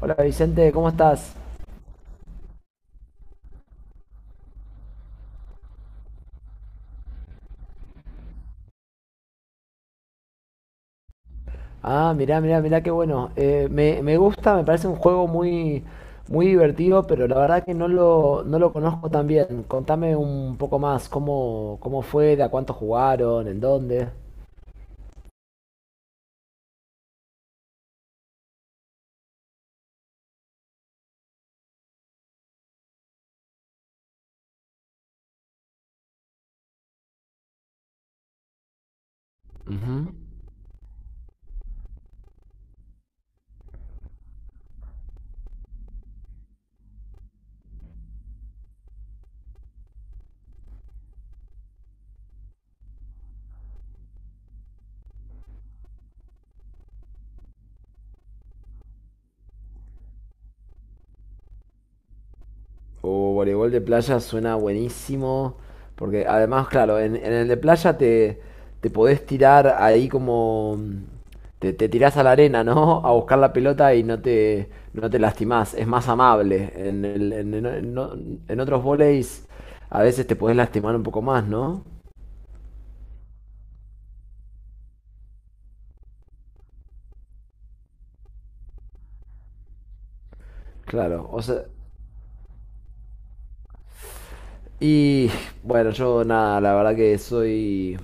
Hola Vicente, ¿cómo estás? Ah, mirá, mirá, mirá, qué bueno. Me gusta, me parece un juego muy, muy divertido, pero la verdad que no lo conozco tan bien. Contame un poco más, cómo, cómo fue, de a cuánto jugaron, en dónde. Ujú. O voleibol de playa suena buenísimo, porque además, claro, en el de playa te, te podés tirar ahí. Te, te tirás a la arena, ¿no? A buscar la pelota y no te lastimás, es más amable. En, el- en o- en otros voleis a veces te podés lastimar un poco más, ¿no? Claro, o sea... Y bueno, yo nada, la verdad que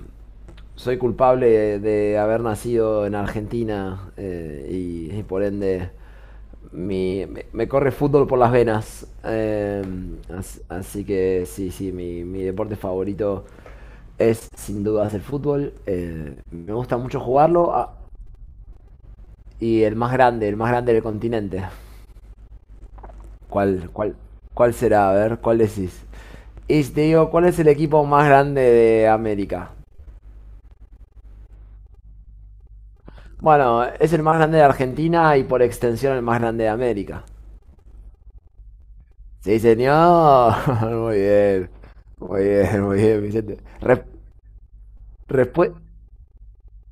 soy culpable de haber nacido en Argentina y por ende me corre fútbol por las venas. Así que sí, sí, mi deporte favorito es sin dudas el fútbol. Me gusta mucho jugarlo y el más grande del continente. ¿Cuál, cuál, cuál será? A ver, ¿cuál decís? Y te digo, ¿cuál es el equipo más grande de América? Bueno, es el más grande de Argentina y por extensión el más grande de América. Sí, señor. Muy bien. Muy bien, muy bien, Vicente. Respue-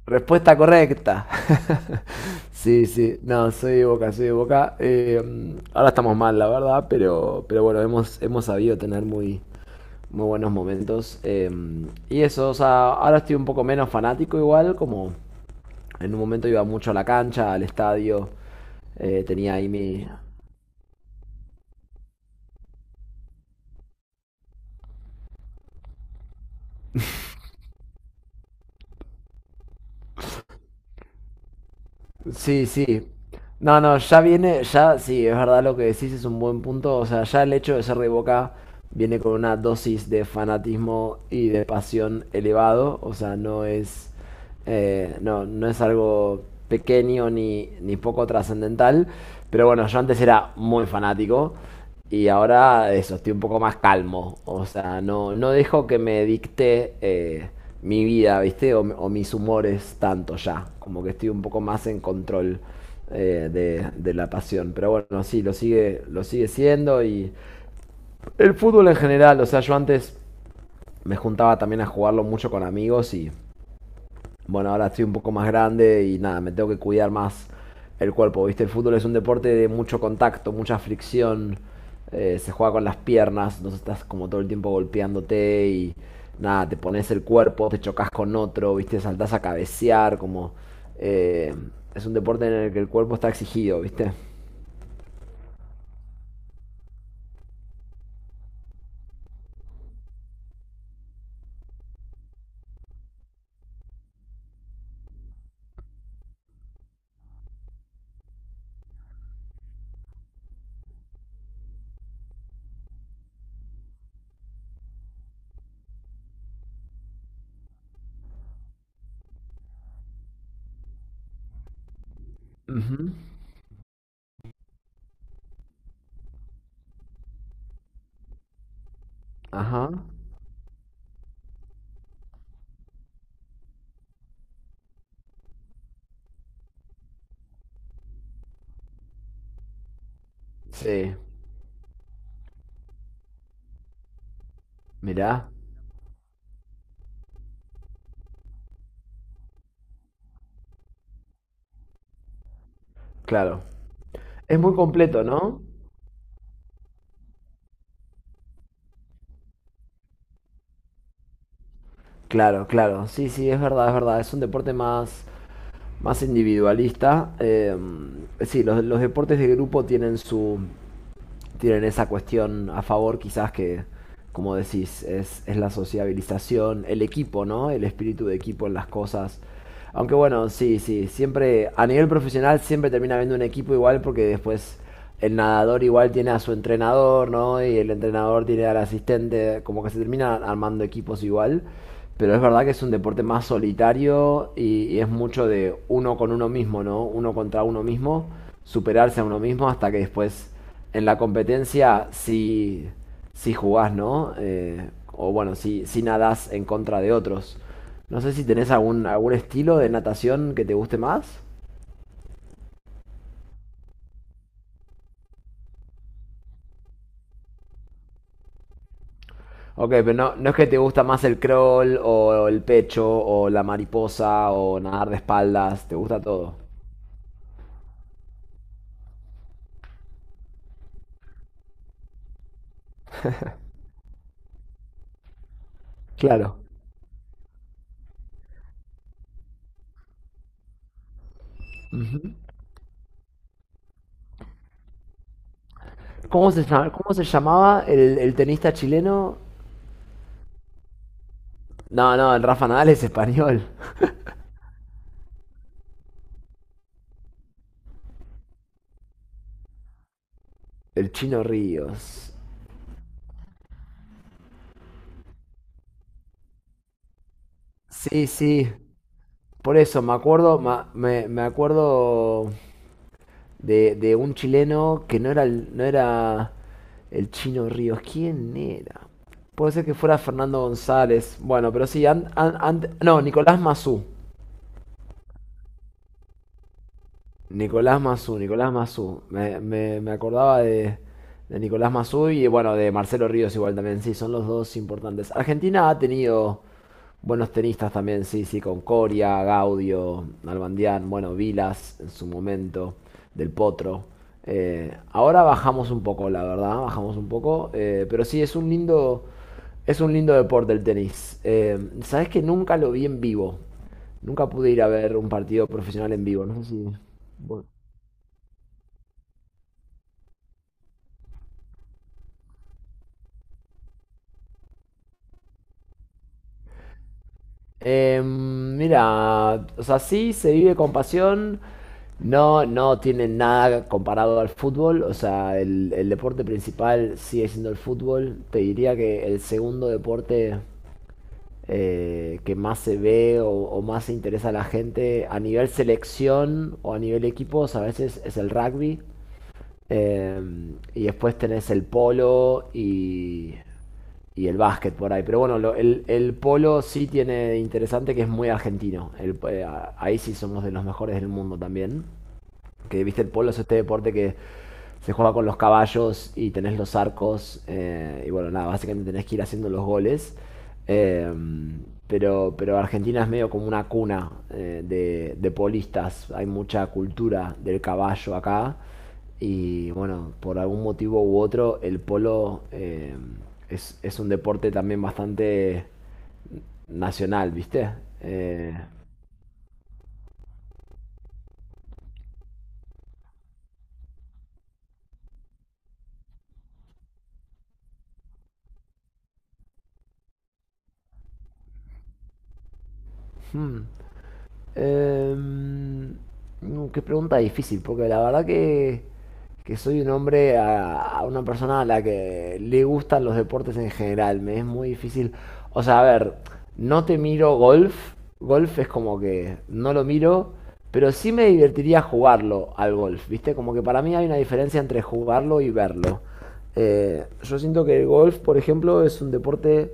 Respuesta correcta. Sí, sí. No, soy de Boca, soy de Boca. Ahora estamos mal, la verdad, pero bueno, hemos sabido tener muy, muy buenos momentos. Y eso, o sea, ahora estoy un poco menos fanático igual, como en un momento iba mucho a la cancha, al estadio, tenía ahí mi, sí, sí. No, no, ya viene, ya sí, es verdad lo que decís, es un buen punto. O sea, ya el hecho de ser de Boca viene con una dosis de fanatismo y de pasión elevado. O sea, no, no es algo pequeño ni, ni poco trascendental. Pero bueno, yo antes era muy fanático. Y ahora eso, estoy un poco más calmo. O sea, no, no dejo que me dicte mi vida, ¿viste? O mis humores tanto ya. Como que estoy un poco más en control de la pasión. Pero bueno, sí, lo sigue siendo. Y el fútbol en general, o sea, yo antes me juntaba también a jugarlo mucho con amigos y bueno, ahora estoy un poco más grande y nada, me tengo que cuidar más el cuerpo, ¿viste? El fútbol es un deporte de mucho contacto, mucha fricción, se juega con las piernas, entonces estás como todo el tiempo golpeándote y nada, te pones el cuerpo, te chocas con otro, ¿viste? Saltás a cabecear, como... eh, es un deporte en el que el cuerpo está exigido, ¿viste? Ujú. Ajá. Sí, mirá, claro. Es muy completo, ¿no? Claro, claro. Sí, sí, es verdad, es verdad. Es un deporte más más individualista. Sí, los deportes de grupo tienen su, tienen esa cuestión a favor quizás que, como decís, es la sociabilización, el equipo, ¿no? El espíritu de equipo en las cosas. Aunque bueno, sí, sí, siempre a nivel profesional siempre termina habiendo un equipo igual porque después el nadador igual tiene a su entrenador, ¿no? Y el entrenador tiene al asistente, como que se termina armando equipos igual. Pero es verdad que es un deporte más solitario y es mucho de uno con uno mismo, ¿no? Uno contra uno mismo, superarse a uno mismo hasta que después en la competencia sí, sí jugás, ¿no? O bueno, si sí nadás en contra de otros. No sé si tenés algún, algún estilo de natación que te guste más. Ok, pero no, no es que te gusta más el crawl o el pecho o la mariposa o nadar de espaldas, te gusta todo. Claro. Cómo se llamaba el tenista chileno? No, no, el Rafa Nadal es español. El Chino Ríos. Sí, sí. Por eso, me acuerdo, me acuerdo de un chileno que no era, no era el chino Ríos. ¿Quién era? Puede ser que fuera Fernando González. Bueno, pero sí, no, Nicolás Mazú. Nicolás Mazú, Nicolás Mazú. Me acordaba de Nicolás Mazú y bueno, de Marcelo Ríos igual también, sí, son los dos importantes. Argentina ha tenido buenos tenistas también, sí, sí, con Coria, Gaudio, Nalbandián, bueno, Vilas en su momento, Del Potro. Ahora bajamos un poco, la verdad, bajamos un poco, pero sí, es un lindo deporte el tenis. Sabes que nunca lo vi en vivo. Nunca pude ir a ver un partido profesional en vivo. No sé si mira, o sea, sí se vive con pasión, no, no tiene nada comparado al fútbol, o sea, el deporte principal sigue siendo el fútbol, te diría que el segundo deporte que más se ve o más se interesa a la gente a nivel selección o a nivel equipos a veces es el rugby. Eh, y después tenés el polo y el básquet por ahí. Pero bueno, el polo sí tiene de interesante que es muy argentino. Ahí sí somos de los mejores del mundo también. Que viste el polo es este deporte que se juega con los caballos y tenés los arcos. Y bueno, nada, básicamente tenés que ir haciendo los goles. Eh, pero Argentina es medio como una cuna de polistas. Hay mucha cultura del caballo acá. Y bueno, por algún motivo u otro, el polo es un deporte también bastante nacional, ¿viste? Eh, hmm. Em, Qué pregunta difícil, porque la verdad que soy un hombre, a una persona a la que le gustan los deportes en general. Me es muy difícil. O sea, a ver, no te miro golf. Golf es como que no lo miro, pero sí me divertiría jugarlo al golf, ¿viste? Como que para mí hay una diferencia entre jugarlo y verlo. Yo siento que el golf, por ejemplo, es un deporte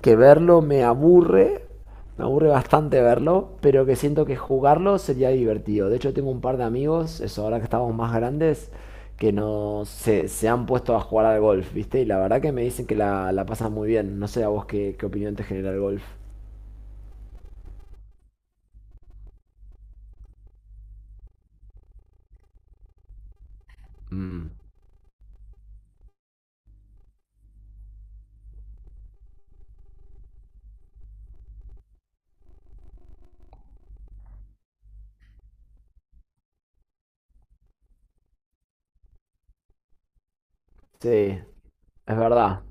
que verlo me aburre bastante verlo, pero que siento que jugarlo sería divertido. De hecho, tengo un par de amigos, eso ahora que estamos más grandes, que no se, se han puesto a jugar al golf, ¿viste? Y la verdad que me dicen que la pasan muy bien. No sé a vos qué, qué opinión te genera el golf. Mm. Sí, es verdad.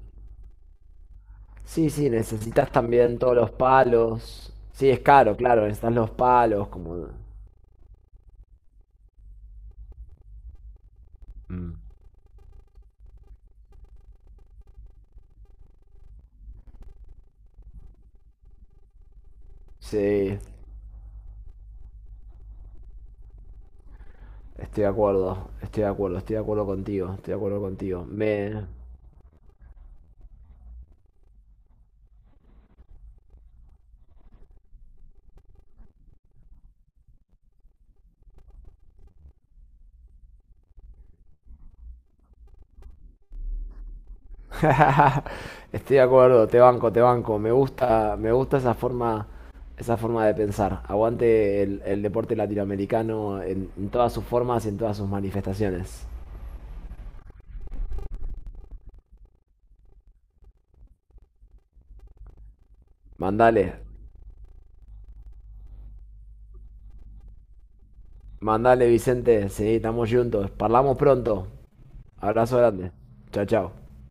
Sí, sí, necesitas también todos los palos. Sí, es caro, claro, necesitas los palos, como... Mm. Sí. Estoy de acuerdo, estoy de acuerdo, estoy de acuerdo contigo, estoy de acuerdo contigo. Me... Estoy de acuerdo, te banco, te banco. Me gusta esa forma de pensar. Aguante el deporte latinoamericano en todas sus formas y en todas sus manifestaciones. Mandale, mandale Vicente, sí, estamos juntos. Parlamos pronto. Abrazo grande. Chao, chao.